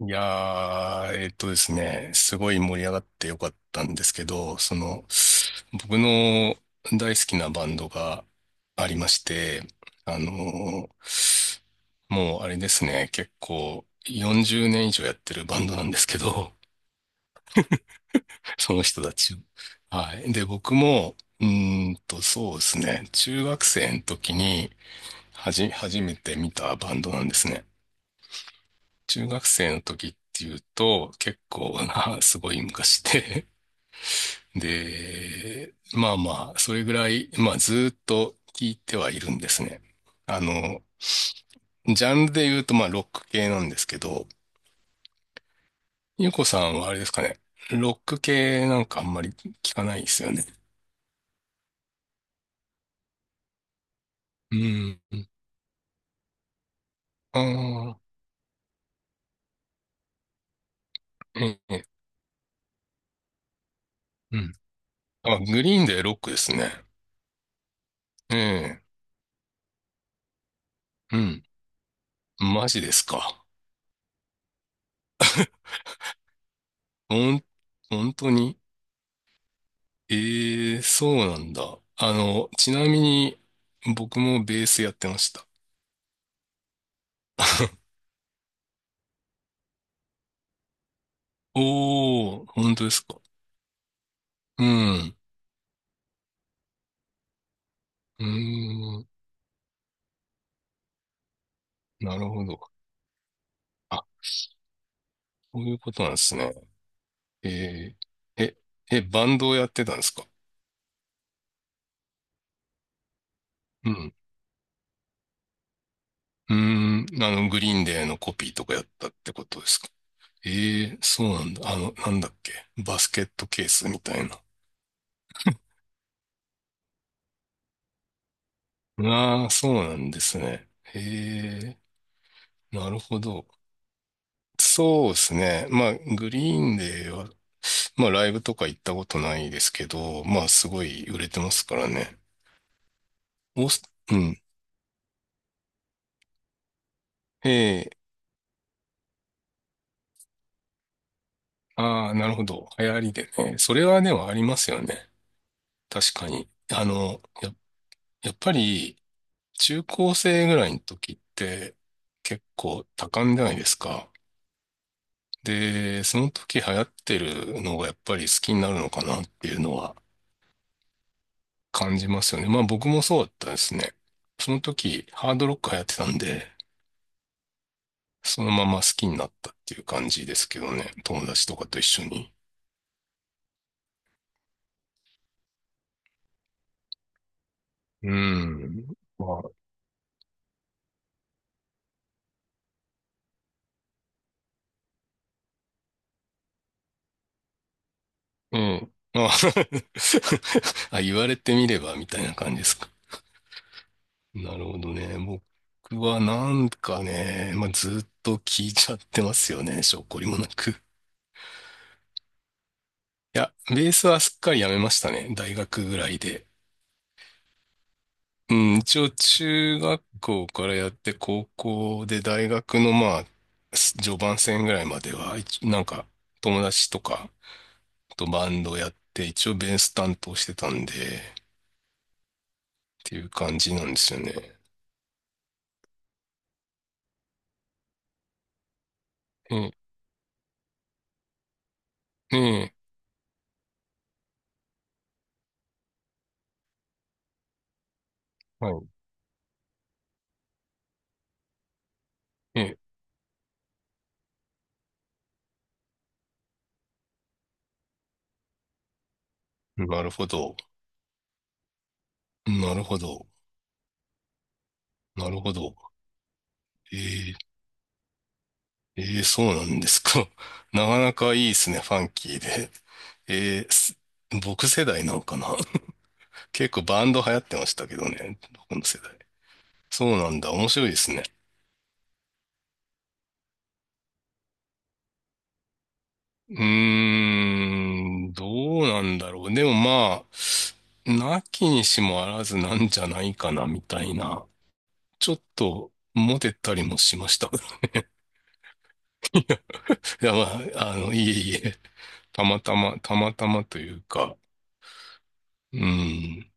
いやー、えっとですね、すごい盛り上がってよかったんですけど、その、僕の大好きなバンドがありまして、あのーもうあれですね、結構40年以上やってるバンドなんですけど、その人たちを。はい。で、僕も、そうですね、中学生の時に、初めて見たバンドなんですね。中学生の時っていうと、結構な、すごい昔で、で、まあまあ、それぐらい、まあずーっと聞いてはいるんですね。あの、ジャンルで言うとまあロック系なんですけど、ゆうこさんはあれですかね、ロック系なんかあんまり聞かないですよね。うん。ああ、ええ、うん。あ、グリーンでロックですね。ええ、うん。マジですか。ほん、本当に。ええ、そうなんだ。あの、ちなみに、僕もベースやってました。おー、本当ですか。うん。うーん。なるほど。あ、そういうことなんですね。えー、え、え、バンドをやってたんですか？うん。うーん。あの、グリーンデーのコピーとかやったってことですか？ええ、そうなんだ。あの、なんだっけ。バスケットケースみたいな。ああ、そうなんですね。ええ、なるほど。そうですね。まあ、グリーンデーは、まあ、ライブとか行ったことないですけど、まあ、すごい売れてますからね。オース、うん。ええ、ああ、なるほど。流行りでね。それはでもありますよね。確かに。やっぱり、中高生ぐらいの時って、結構多感じゃないですか。で、その時流行ってるのがやっぱり好きになるのかなっていうのは感じますよね。まあ僕もそうだったですね。その時、ハードロックやってたんで、そのまま好きになったっていう感じですけどね。友達とかと一緒に。うん。まあ、うん。あ あ、言われてみればみたいな感じですか。なるほどね。僕はなんかね、まあ、ずっと聞いちゃってますよね。しょっこりもなく。いや、ベースはすっかりやめましたね。大学ぐらいで。うん、一応中学校からやって高校で大学のまあ、序盤戦ぐらいまでは、なんか友達とかとバンドやって一応ベース担当してたんで、っていう感じなんですよね。ええ、ねえ、はい。ええ、なるほど。なるほど。なるほど。えーええそうなんですか。なかなかいいですね、ファンキーで。ええす僕世代なのかな。結構バンド流行ってましたけどね、僕の世代。そうなんだ。面白いですね。うーん、どうなんだろう。でもまあ、なきにしもあらずなんじゃないかな、みたいな。ちょっと、モテたりもしました。いや、まあ、あの、いえいえ、たまたま、たまたまというか、うん、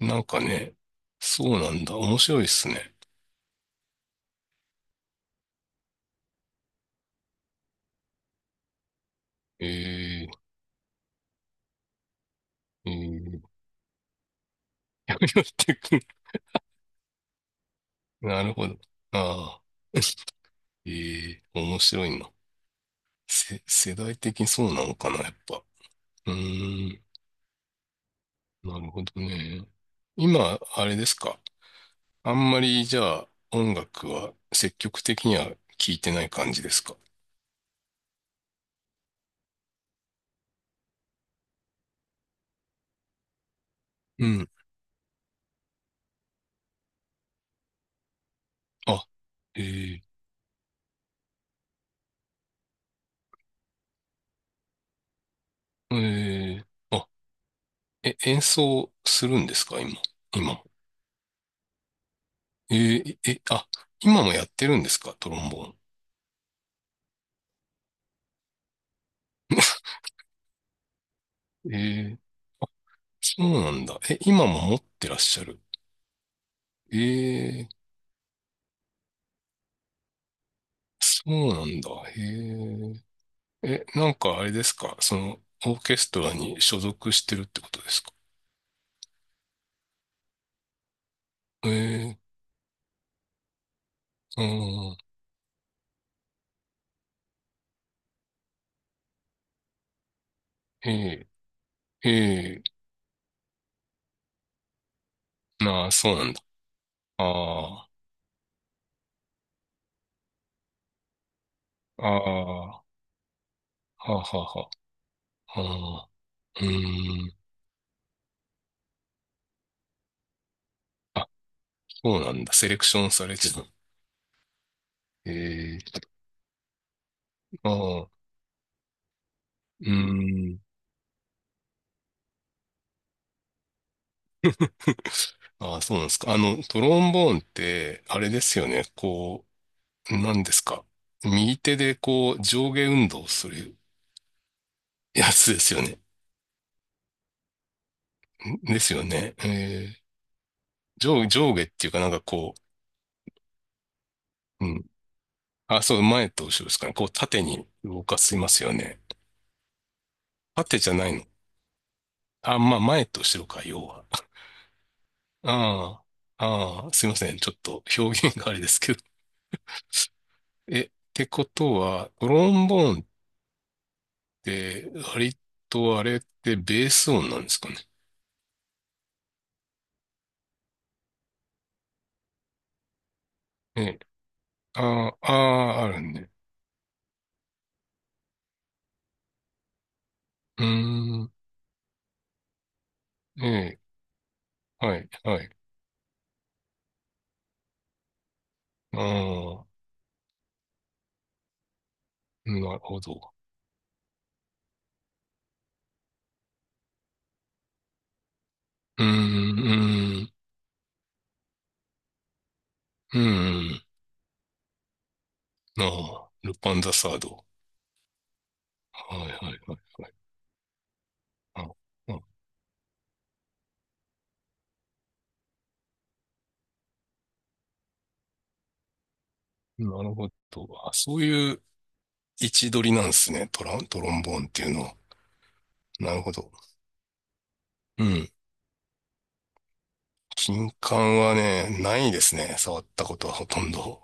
なんかね、そうなんだ。面白いですね。えー、えー、やめてく。なるほど。ああ、えー、面白いな。世代的にそうなのかな、やっぱ。うーん、なるほどね。今、あれですか。あんまり、じゃあ、音楽は積極的には聴いてない感じですか。うん。あ、えー、えー、あ、え、演奏するんですか、今。今も。えー、え、あ、今もやってるんですか、トロンボーン。えー、そうなんだ。え、今も持ってらっしゃる。えー、そうなんだ。へえ、なんかあれですかその、オーケストラに所属してるってことですか？えー、うん、えー、えー、なあ、そうなんだ。ああ、ああ、はあはあはあ、あーうーん、あ、そうなんだ。セレクションされてた。えー、ああ、うーん、ああ、そうなんですか。あの、トロンボーンって、あれですよね。こう、なんですか。右手でこう、上下運動するやつですよね。んですよね。えー上下っていうかなんかこう、うん。あ、そう、前と後ろですかね。こう縦に動かしますよね。縦じゃないの。あ、まあ前と後ろか、要は。ああ、ああ、すいません。ちょっと表現があれですけど。え、ってことは、トロンボーンって、割とあれってベース音なんですかね。え、ああ、ああ、あるね。うーん、ええ、はい、はい。ああ、なるほど。うーん、うーん、うーん。ああ、ルパンザサード。はいはいはいはい。あ、あなるほど。あ、そういう位置取りなんですね。トロンボーンっていうのは。なるほど。うん。金管はね、ないですね。触ったことはほとんど。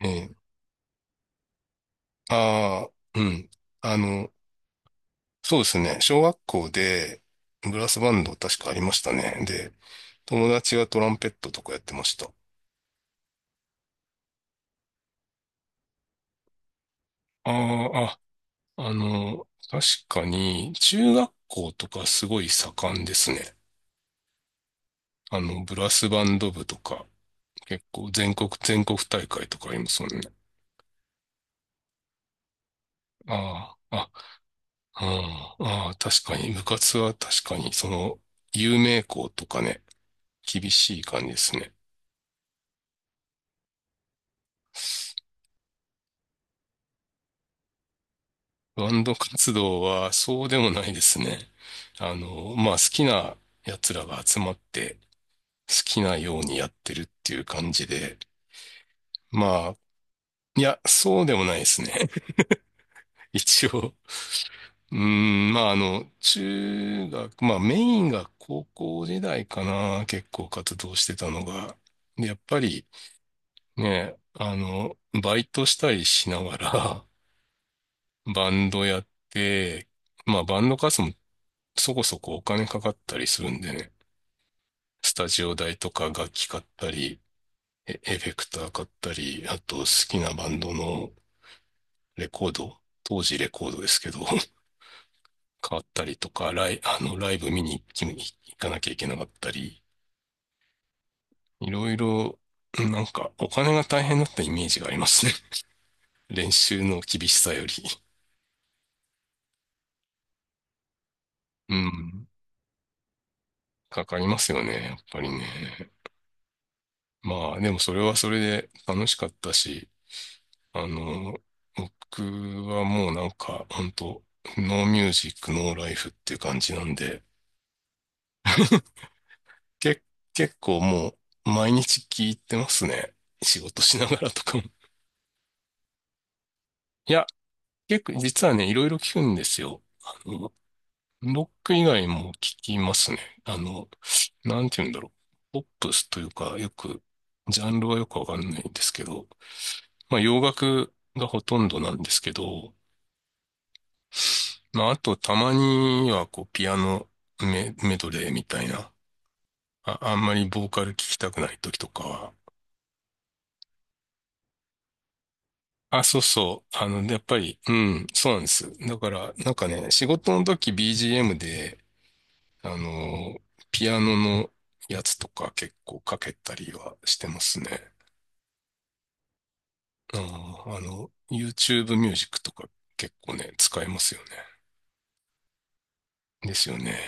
ええ。ああ、うん。あの、そうですね。小学校でブラスバンド確かありましたね。で、友達がトランペットとかやってました。ああ、あ、あの、確かに、中学校とかすごい盛んですね。あの、ブラスバンド部とか、結構全国大会とかありますもんね。ああ、あ、うん、ああ、確かに、部活は確かに、その、有名校とかね、厳しい感じですね。バンド活動はそうでもないですね。あの、まあ、好きな奴らが集まって、好きなようにやってるっていう感じで、まあ、いや、そうでもないですね。一応、うーん、まあ、あの、中学、まあ、メインが高校時代かな、結構活動してたのが。でやっぱりね、あの、バイトしたりしながら、バンドやって、まあ、バンド活動もそこそこお金かかったりするんでね、スタジオ代とか楽器買ったり、エフェクター買ったり、あと好きなバンドのレコード、当時レコードですけど、変わったりとか、あの、ライブ見に行き行かなきゃいけなかったり、いろいろ、なんか、お金が大変だったイメージがありますね。練習の厳しさより。うん。かかりますよね、やっぱりね。まあ、でもそれはそれで楽しかったし、あの、僕はもうなんか、本当ノーミュージック、ノーライフっていう感じなんで、け、結構もう、毎日聞いてますね。仕事しながらとかも。いや結構、実はね、いろいろ聞くんですよ。あの、ロック以外も聞きますね。あの、なんて言うんだろう。ポップスというか、よく、ジャンルはよくわかんないんですけど、まあ、洋楽がほとんどなんですけど、まあ、あと、たまには、こう、ピアノメ、メドレーみたいな、あ、あんまりボーカル聞きたくない時とかは、あ、そうそう。あの、やっぱり、うん、そうなんです。だから、なんかね、仕事の時 BGM で、あの、ピアノのやつとか結構かけたりはしてますね。あーあの、YouTube ミュージックとか結構ね、使えますよね。ですよね。